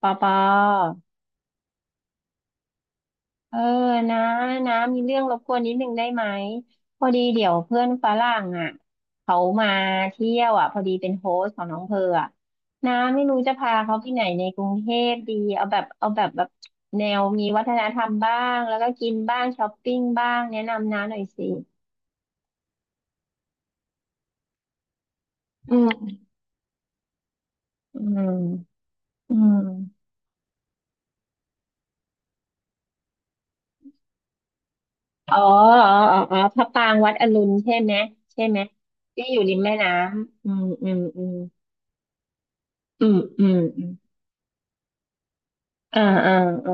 ปอปอเออนะนะมีเรื่องรบกวนนิดนึงได้ไหมพอดีเดี๋ยวเพื่อนฝรั่งอ่ะเขามาเที่ยวอ่ะพอดีเป็นโฮสต์ของน้องเพออ่ะนะไม่รู้จะพาเขาที่ไหนในกรุงเทพดีเอาแบบแนวมีวัฒนธรรมบ้างแล้วก็กินบ้างช้อปปิ้งบ้างแนะนำนะหน่อยสิอืมอืมอืมอ๋ออ๋ออ๋ออ๋อพระปรางวัดอรุณใช่ไหมใช่ไหมที่อยู่ริมแม่น้ำอืมอืมอืมอืมอืม อ่าอ่าอ๋อ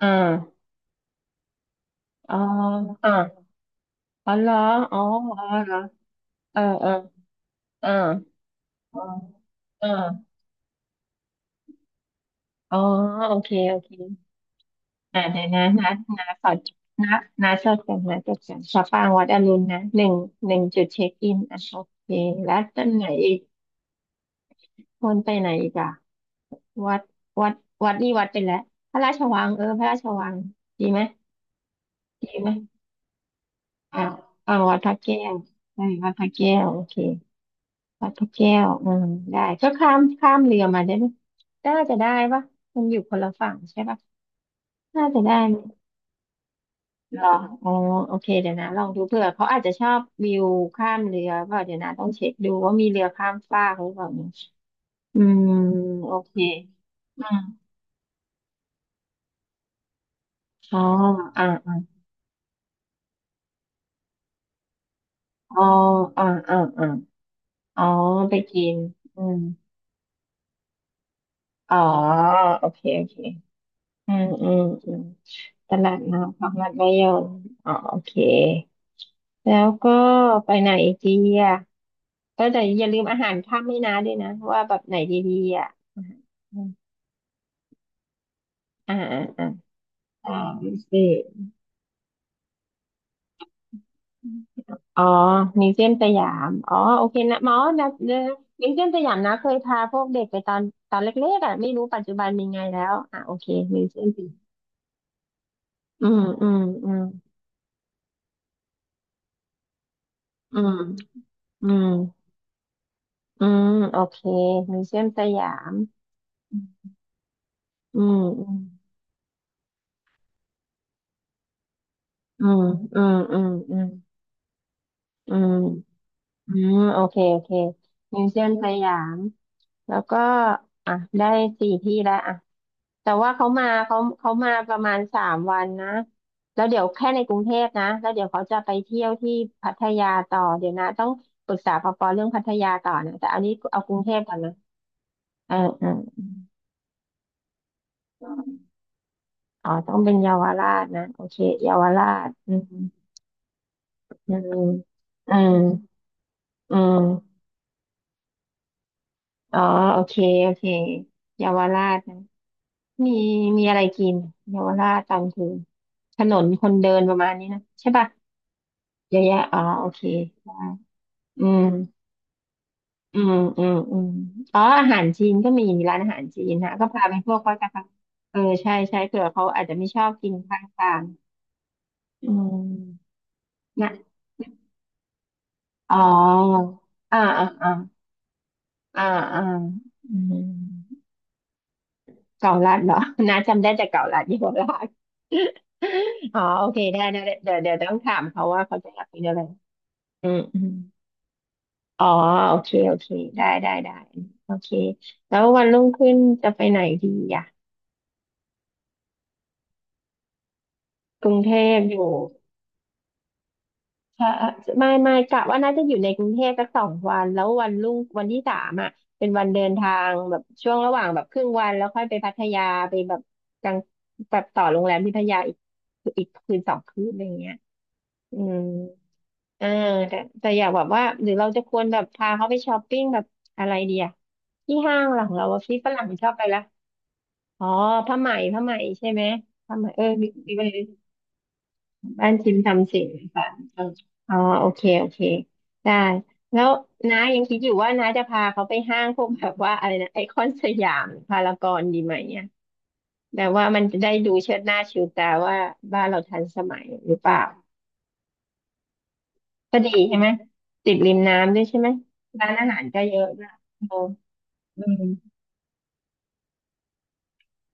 อ่าอ๋ออ่าอ๋อเหรออ๋ออ๋อเหรอเออเออเอออ๋อเอออ๋อโอเคโอเคอ่าเดี๋ยวนะนะนะขอนะนะจดกันนะจดกันสะปางวัดอรุณนะหนึ่งหนึ่งจุดเช็คอินอ่ะโอเคแล้วต้นไหนอีกคนไปไหนอีกอ่ะวัดวัดวัดนี่วัดไปแล้วพระราชวังเออพระราชวังดีไหมดีไหมอ่าอ่าวัดพระแก้วใช่วัดพระแก้วโอเค วัดพรแก้วอืมได้ก็ข้ามข้ามเรือมาได้ไหมน่าจะได้ปะมันอยู่คนละฝั่งใช่ปะน่าจะได้ไหมเหรออ๋อโอเคเดี๋ยวนะลองดูเผื่อเขาอาจจะชอบวิวข้ามเรือเปล่าเดี๋ยวนะต้องเช็คดูว่ามีเรือข้ามฟากหรือเปล่าเนี่ยอืมโอเคอืมอ๋ออ่าอ่าอ๋ออ่าอ่าอ่าอ๋อไปกินอืมอ๋อโอเคโอเคอืมอืมอืมตลาดน้ำของมัดระยองอ๋อโอเค แล้วก็ไปไหนอีกดีอ่ะก็แต่อย่าลืมอาหารค่ำให้นะด้วยนะว่าแบบไหนดีๆอ่ะอ่าอ่าอ่าอ่ามสียมอ๋อมิวเซียมสยามอ๋อโอเคนะหมอนะเนอะมิวเซียมสยามนะเคยพาพวกเด็กไปตอนตอนเล็กๆอ่ะไม่รู้ปัจจุบันเป็นไงแล้วอ่ะโอเคมิวเซียมสยามอืมอืมอืมอืมอืมอืมโอเคมิวเซียมสยามอืมอืมอืมอืมอืมอืมอืม อืมโอเคโอเคมิวเซียมสยามแล้วก็อ่ะได้4 ที่แล้วอ่ะแต่ว่าเขามาประมาณ3 วันนะแล้วเดี๋ยวแค่ในกรุงเทพนะแล้วเดี๋ยวเขาจะไปเที่ยวที่พัทยาต่อเดี๋ยวนะต้องปรึกษาปปเรื่องพัทยาต่อนะแต่อันนี้เอากรุงเทพก่อนนะเออเอออ๋อต้องเป็นเยาวราชนะโอเคเยาวราชอืมอืมอืมอืมอ๋อโอเคโอเคเยาวราชนะ มีมีอะไรกินเยาวราชตอนคืนถนนคนเดินประมาณนี้นะใช่ป่ะเยอะแยะอ๋อโอเคได้อืมอืมอืมอืมอ๋ออาหารจีนก็มีร้านอาหารจีนนะก็พาไปพวกวัดกะเพราเออใช่ใช่เผื่อเขาอาจจะไม่ชอบกินข้างทางอืมนะอ๋ออ่าอ่าอ่าอ่าอ่าอืมเก่าลัดเหรอ นะจำได้แต่เก่าลัดเยาวราช อ๋อโอเคได้นะดเดี๋ยวเดี๋ยวต้องถามเขาว่าเขาจะอยากกินอะไร อืมอืมอ๋อ โอเค โอเค ได้ ได้ได้โอเค แล้ววันรุ่งขึ้นจะไปไหนดีอ่ะกรุงเทพอยู่ถ้าไม่กะว่าน่าจะอยู่ในกรุงเทพสัก2 วันแล้ววันรุ่งวันที่ 3อ่ะเป็นวันเดินทางแบบช่วงระหว่างแบบครึ่งวันแล้วค่อยไปพัทยาไปแบบกลางแบบต่อโรงแรมที่พัทยาอีกอีกคืน2 คืนอะไรเงี้ยอืมเออแต่อยากแบบว่าหรือเราจะควรแบบพาเขาไปช้อปปิ้งแบบอะไรดีอ่ะที่ห้างหลังเราอะพี่ฝรั่งชอบไปละ อ๋อผ้าไหมผ้าไหมใช่ไหมผ้าไหมเออมีมีไปบ้านชิมทำสินสานเอออ๋อโอเคโอเคได้แล้วน้ายังคิดอยู่ว่าน้าจะพาเขาไปห้างพวกแบบว่าอะไรนะไอคอนสยามพารากอนดีไหมเนี่ยแบบว่ามันจะได้ดูเชิดหน้าชูตาว่าบ้านเราทันสมัยหรือเปล่าก็ดีใช่ไหมติดริมน้ำด้วยใช่ไหมร้านอาหารก็เยอะนะเอออืม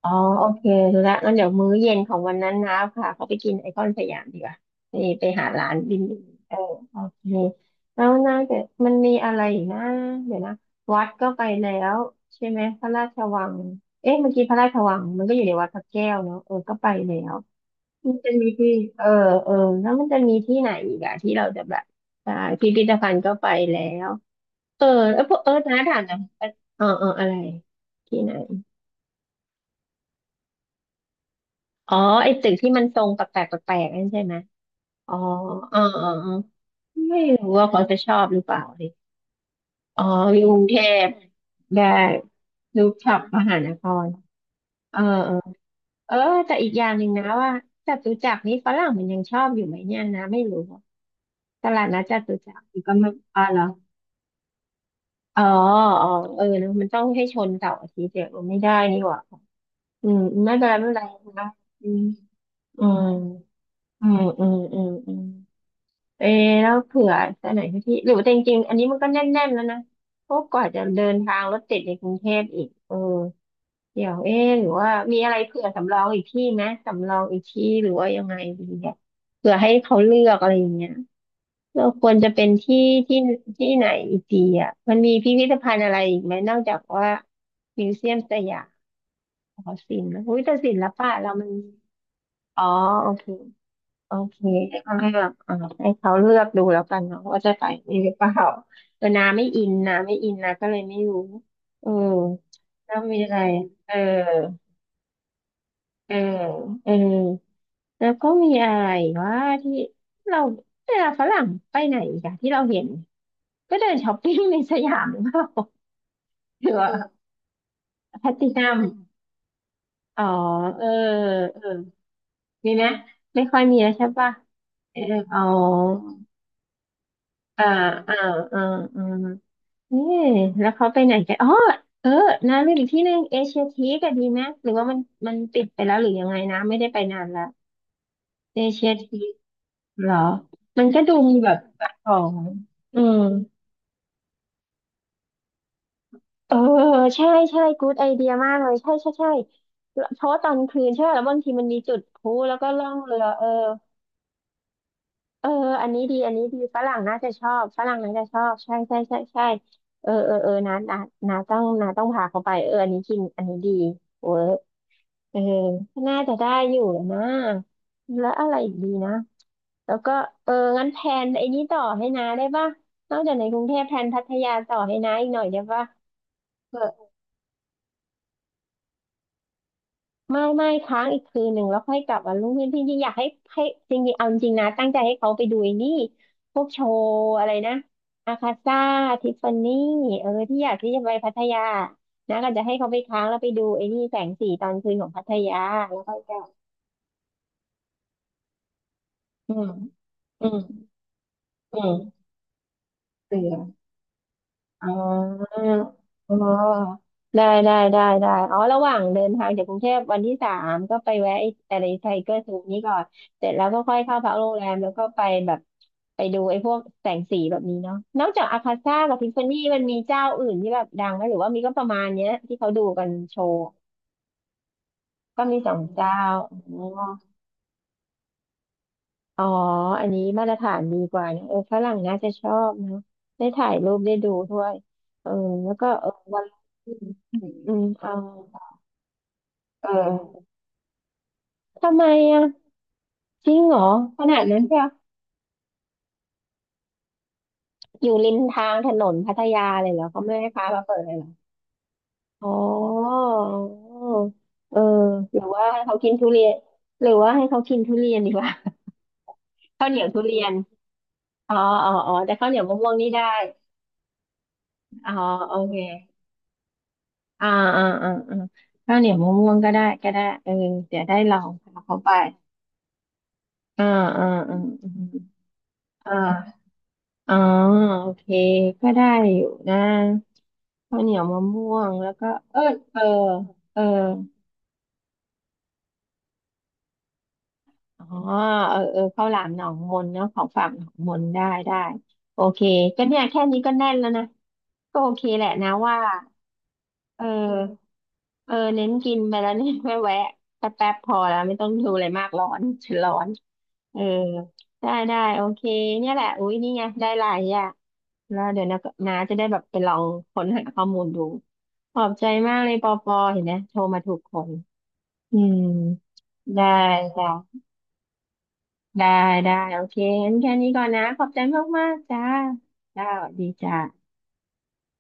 อ๋อโอเครู้ละงั้นเดี๋ยวมื้อเย็นของวันนั้นนะพาเขาไปกินไอคอนสยามดีกว่าไปไปหาร้านบิมบิมเออโอเคแล้วน่าจะมันมีอะไรอีกนะเดี๋ยวนะวัดก็ไปแล้วใช่ไหมพระราชวังเอ๊ะเมื่อกี้พระราชวังมันก็อยู่ในวัดพระแก้วเนาะเออก็ไปแล้วมันจะมีที่เออเออแล้วมันจะมีที่ไหนอีกอะที่เราจะแบบใช่พิพิธภัณฑ์ก็ไปแล้วเออเออเออน้าถามหนะเออเอออะไรที่ไหน อ๋อไอ้ตึกที่มันทรงแปลกๆแปลกๆนั่นใช่ไหมอ๋ออออออ๋อไม่รู้ว่าเขาจะชอบหรือเปล่าดิอ๋อวิวกรุงเทพได้รูปช็อปมหานครเออเออเออแต่อีกอย่างหนึ่งนะว่าจตุจักรนี่ฝรั่งมันยังชอบอยู่ไหมเนี่ยนะไม่รู้อะตลาดนัดจตุจักรมันก็ไม่อ๋อเหรออ๋ออ๋อเออเนอะมันต้องให้ชนเสาร์อาทิตย์เดี๋ยวไม่ได้นี่หว่าอืมไม่เป็นไรไม่เป็นไรนะอืมอืมอืมอืมอืมอืม เออแล้วเผื่อจะไหนที่หรือว่าแต่จริงๆอันนี้มันก็แน่นๆแล้วนะเพราะกว่าจะเดินทางรถติดในกรุงเทพอีกเออเดี๋ยวเออหรือว่ามีอะไรเผื่อสำรองอีกที่ไหมสำรองอีกที่หรือว่ายังไงดีเนี่ยเผื่อให้เขาเลือกอะไรอย่างเงี้ยเราควรจะเป็นที่ที่ที่ไหนอีกดีอ่ะมันมีพิพิธภัณฑ์อะไรอีกไหมนอกจากว่ามิวเซียมสยามหอศิลป์นะอุ้ยแต่ศิลปะเรามันอ๋อโอเค โอเคก็เลือกให้เขาเลือกดูแล้วกันเนาะว่าจะใส่นี่หรือเปล่าเออนาไม่อินนาไม่อินนาก็เลยไม่รู้เออแล้วมีอะไรเออเออเออแล้วก็มีอะไรว่าที่เราเวลาฝรั่งไปไหนอีกอะที่เราเห็นก็เดินช้อปปิ้งในสยามหรือเปล่าหรือว่าแพลตตินัมอ๋อเออเออมีไหมไม่ค่อยมีแล้วใช่ป่ะเอออ๋ออ่าอ่าอ่าอ่ เออแล้วเขาไปไหนกันอ๋อเออนะลืมอีกที่หนึ่งเอเชียทีก็ดีไหมหรือว่ามันมันปิดไปแล้วหรือยังไงนะไม่ได้ไปนานแล้วเอเชียทีเหรอมันก็ดูมีแบบของอืมเออใช่ใช่กู๊ดไอเดียมากเลยใช่ใช่ใช่เพราะว่าตอนคืนใช่ไหมแล้วบางทีมันมีจุดพลุแล้วก็ล่องเรือเออ เอออันนี้ดี อันนี้ดีฝรั่งน่าจะชอบฝรั่งน่าจะชอบ ใช่ใช่ใช่ใช่เออเออเออนะนะนะต้องนะต้องพาเขาไปเอออันนี้กิน อันนี้ดีเวิร์กเออน่าจะได้อยู่แล้วนะแล้วอะไรอีกดีนะ แล้วก็เอองั้นแพลนไอ้นี้ต่อให้นะได้ป่ะนอกจากในกรุงเทพแพลนพัทยาต่อให้นาอีกหน่อยได้ป่ะ ไม่ไม่ค้างอีกคืนหนึ่งแล้วค่อยกลับวันรุ่งขึ้นจริงๆอยากให้ให้จริงๆเอาจริงๆนะตั้งใจให้เขาไปดูไอ้นี่พวกโชว์อะไรนะอาคาซ่าทิฟฟานี่เออที่อยากที่จะไปพัทยานะก็จะให้เขาไปค้างแล้วไปดูไอ้นี่แสงสีตอนคืนของพัทยาแล้วค่อยกลับอืมอืมอืมเออ อ๋อ อ๋อ ได้ได้ได้ได้ อ๋อ ระหว่างเดินทางจากกรุงเทพวันที่สามก็ไปแวะไอ้อะไรไทเกอร์ซูนี้ก่อนเสร็จแล้วก็ค่อยเข้าพักโรงแรมแล้วก็ไปแบบไปดูไอ้พวกแสงสีแบบนี้เนาะนอกจากอาคาซ่ากับทิฟฟานี่มันมีเจ้าอื่นที่แบบดังไหมหรือว่ามีก็ประมาณเนี้ยที่เขาดูกันโชว์ก็มีสองเจ้า อ๋ออ๋ออันนี้มาตรฐานดีกว่านะเออฝรั่งน่าจะชอบเนอะได้ถ่ายรูปได้ดูด้วยเออแล้วก็เออวันอืมเอา เออทำไมอ่ะจริงเหรอขนาดนั้นเชียวอยู่ริมทางถนนพัทยาเลยเหรอเขาไม่ให้พามาเปิดเลยเหรออ๋อเออหรือว่าให้เขากินทุเรียนหรือว่าให้เขากินทุเรียนดีกว่า ข้าวเหนียวทุเรียนอ๋ออ๋ออ๋อแต่ข้าวเหนียวมะม่วงนี่ได้อ๋อโอเคอ่าอ่าอ่าอ่าข้าวเหนียวมะม่วงก็ได้ก็ได้เออเดี๋ยวได้ลองพาเขาไปอ่าอ่าอ่าอ่าอาอ๋อโอเคก็ได้อยู่นะ ข้าวเหนียวมะม่วงแล้วก็เออเออเอออ๋อเออเออข้าวหลามหนองมนเนาะของฝากหนองมนได้ได้โอเคก็เนี่ยแค่นี้ก็แน่นแล้วนะก็โอเคแหละนะว่าเออเออเน้นกินไปแล้วเนี่ยไม่แวะแป๊บแป๊บพอแล้วไม่ต้องดูอะไรมากร้อนฉันร้อนเออได้ได้โอเคเนี่ยแหละอุ้ยนี่ไงได้หลายอย่างแล้วเดี๋ยวนะน้าจะได้แบบไปลองค้นหาข้อมูลดูขอบใจมากเลยปอปอเห็นไหมโทรมาถูกคน อืมได้ค่ะได้ได้โอเคงั้นแค่นี้ก่อนนะขอบใจมากมากจ้าจ้าสวัสดีจ้า